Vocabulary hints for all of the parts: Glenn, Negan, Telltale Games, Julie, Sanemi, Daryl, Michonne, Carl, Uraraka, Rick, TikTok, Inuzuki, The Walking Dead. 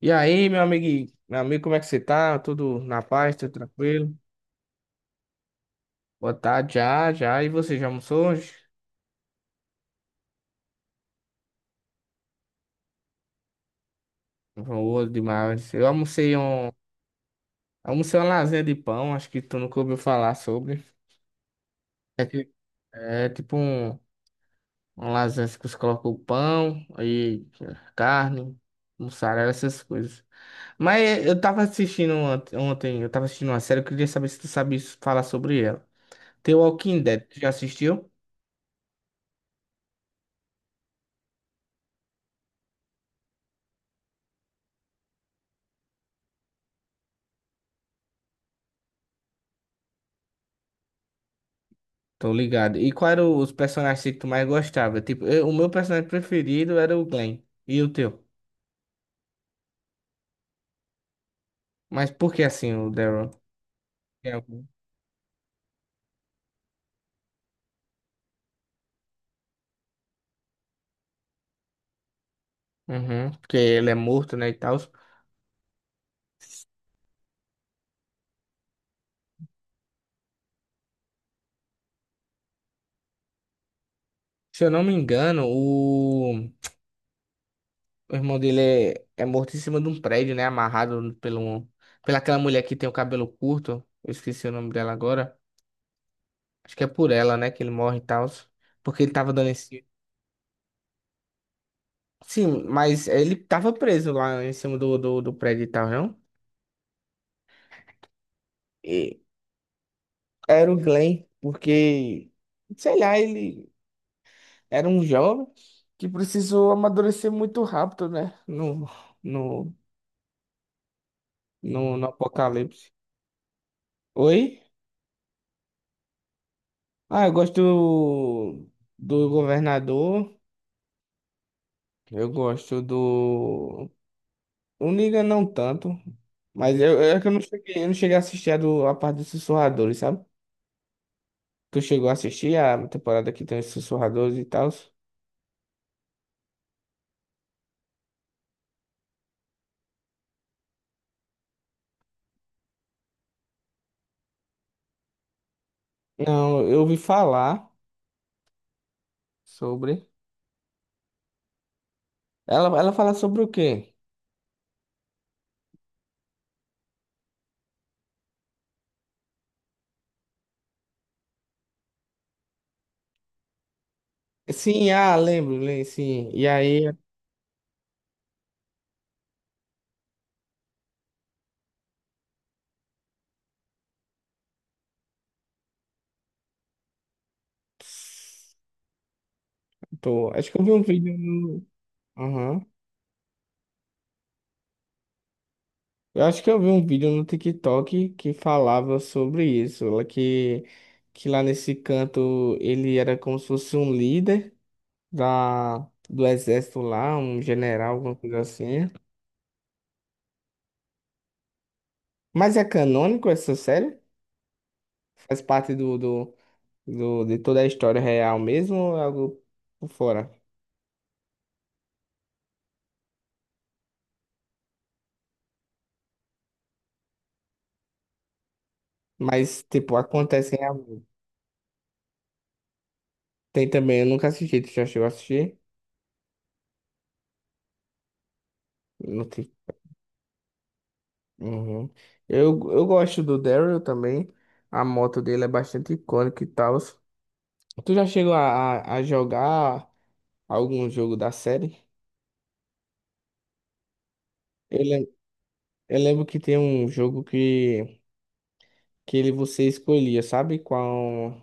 E aí, meu amigo, como é que você tá? Tudo na paz, tudo tranquilo? Boa tarde, já. E você já almoçou hoje? Boa demais. Almocei uma lasanha de pão, acho que tu nunca ouviu falar sobre. É, ti- É tipo uma lasanha assim que você coloca o pão e carne, mussarela, essas coisas. Mas eu tava assistindo ontem, eu tava assistindo uma série, eu queria saber se tu sabe falar sobre ela. The Walking Dead, tu já assistiu? Tô ligado. E qual eram os personagens que tu mais gostava? Tipo, o meu personagem preferido era o Glenn. E o teu? Mas por que assim o Daryl? Tem algum? Uhum, porque ele é morto, né, e tal. Se eu não me engano, o irmão dele é morto em cima de um prédio, né, amarrado pela aquela mulher que tem o cabelo curto. Eu esqueci o nome dela agora. Acho que é por ela, né, que ele morre e tal. Porque ele tava dando esse... Sim, mas ele tava preso lá em cima do prédio e tal, não? Era o Glenn, porque, sei lá, ele era um jovem que precisou amadurecer muito rápido, né? No, no, no Apocalipse. Oi? Ah, do governador, eu gosto do. O Negan não tanto, mas é que eu não cheguei a assistir a parte dos sussurradores, sabe? Tu chegou a assistir a temporada que tem os sussurradores e tal? Não, eu ouvi falar sobre. Ela fala sobre o quê? Sim, ah, lembro sim. E aí, pô, acho que eu vi um vídeo no. Aham. Eu acho que eu vi um vídeo no TikTok que falava sobre isso, lá que lá nesse canto ele era como se fosse um líder da, do exército lá, um general, alguma coisa assim. Mas é canônico essa série? Faz parte de toda a história real mesmo ou é algo por fora? Mas, tipo, acontece em. Tem também, eu nunca assisti. Tu já chegou a assistir? Não tem. Uhum. Eu gosto do Daryl também. A moto dele é bastante icônica e tal. Tu já chegou a jogar algum jogo da série? Eu, lem- eu lembro que tem um jogo que ele você escolhia, sabe? Qual.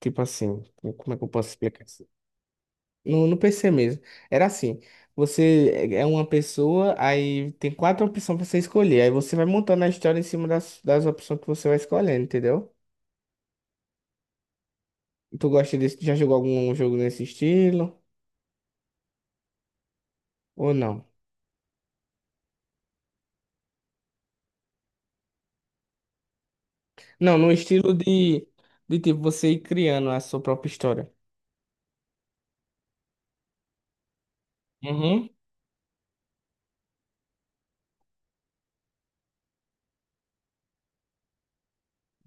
Tipo assim, como é que eu posso explicar? No PC mesmo. Era assim, você é uma pessoa, aí tem quatro opções pra você escolher. Aí você vai montando a história em cima das opções que você vai escolhendo, entendeu? Tu gosta desse, já jogou algum jogo nesse estilo? Ou não? Não, no estilo de tipo, você ir criando a sua própria história. Uhum.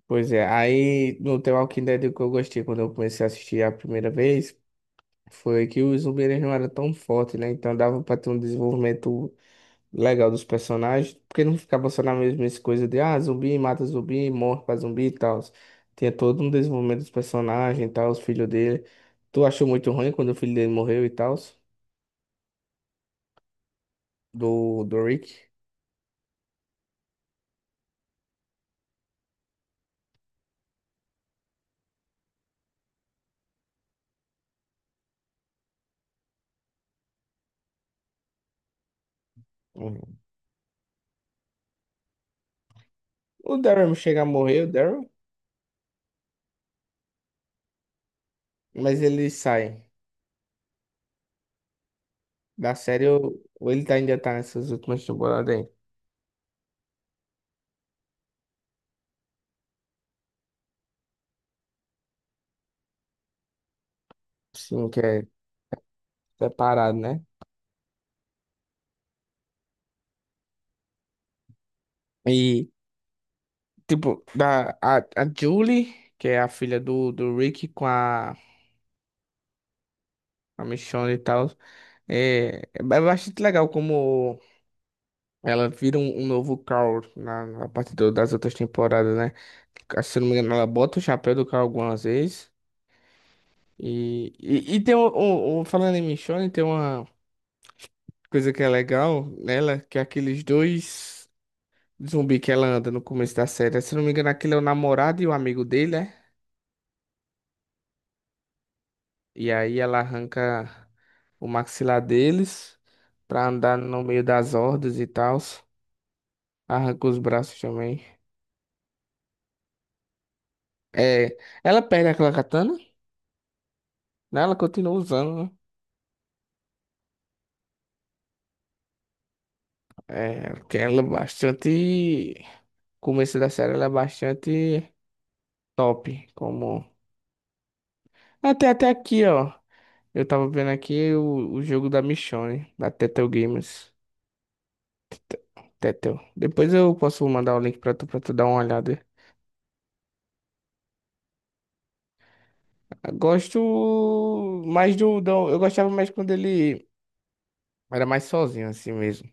Pois é, aí no The Walking Dead o que eu gostei quando eu comecei a assistir a primeira vez foi que os zumbis eles não eram tão fortes, né? Então dava pra ter um desenvolvimento legal dos personagens, porque não ficava só na mesma coisa de ah, zumbi mata zumbi, morre pra zumbi e tal. Tinha todo um desenvolvimento dos personagens e tal, os filhos dele. Tu achou muito ruim quando o filho dele morreu e tal, do Rick? Uhum. O Daryl chega a morrer, o Daryl, mas ele sai da série, ou ele tá, ainda tá nessas últimas temporadas aí. Sim, que é separado, né? E, tipo, a Julie, que é a filha do Rick com a Michonne e tal. É, é bastante legal como ela vira um novo Carl na parte do- das outras temporadas, né? Se eu não me engano, ela bota o chapéu do Carl algumas vezes. E tem falando em Michonne, tem uma coisa que é legal nela, que é aqueles dois zumbi que ela anda no começo da série. Se eu não me engano, aquele é o namorado e o amigo dele, né? E aí ela arranca o maxilar deles pra andar no meio das hordas e tal. Arranca os braços também. É, ela perde aquela katana, né? Ela continua usando, né? É, porque ela é bastante. Começo da série, ela é bastante top. Como. Até, até aqui, ó. Eu tava vendo aqui o jogo da Michonne, da Telltale Games. Tete- Telltale. Depois eu posso mandar o link pra tu dar uma olhada. Eu gosto mais do, do. Eu gostava mais quando ele era mais sozinho, assim mesmo.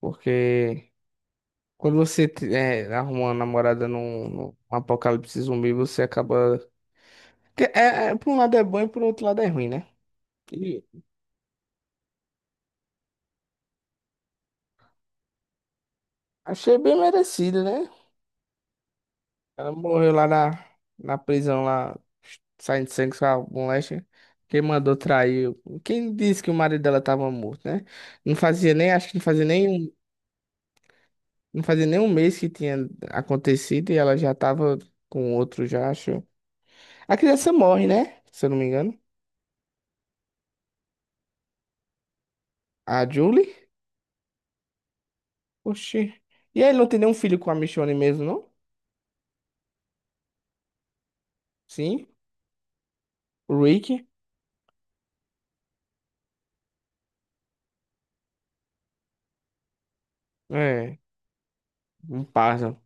Porque. Quando você arruma uma namorada num apocalipse zumbi, você acaba. Por um lado é bom e por outro lado é ruim, né? E achei bem merecido, né? Ela morreu lá na, na prisão, lá, saindo de sangue com a moléstia. Quem mandou trair? Quem disse que o marido dela tava morto, né? Não fazia nem, acho que não fazia nem um, não fazia nem um mês que tinha acontecido e ela já tava com outro, já acho. A criança morre, né? Se eu não me engano. A Julie. Oxi. E aí, ele não tem nenhum filho com a Michonne mesmo, não? Sim. O Rick? É, um pássaro,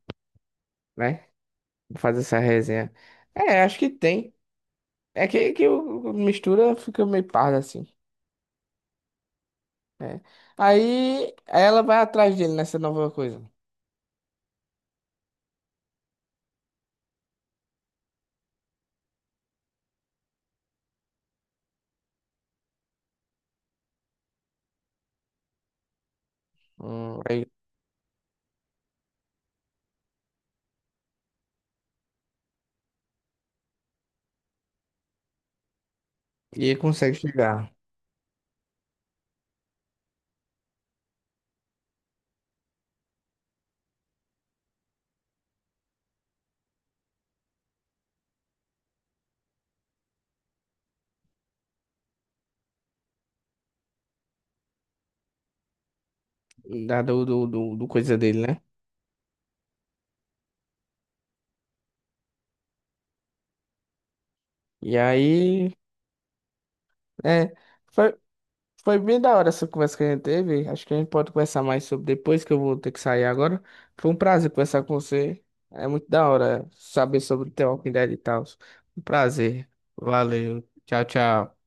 né? Faz essa resenha. É, acho que tem. É que o mistura fica meio pardo assim. É. Aí ela vai atrás dele nessa nova coisa. Aí- e ele consegue chegar. Da, do, do, do, do coisa dele, né? E aí. É. Foi bem da hora essa conversa que a gente teve. Acho que a gente pode conversar mais sobre depois, que eu vou ter que sair agora. Foi um prazer conversar com você. É muito da hora saber sobre o The Walking Dead e tal. Um prazer. Valeu. Tchau, tchau.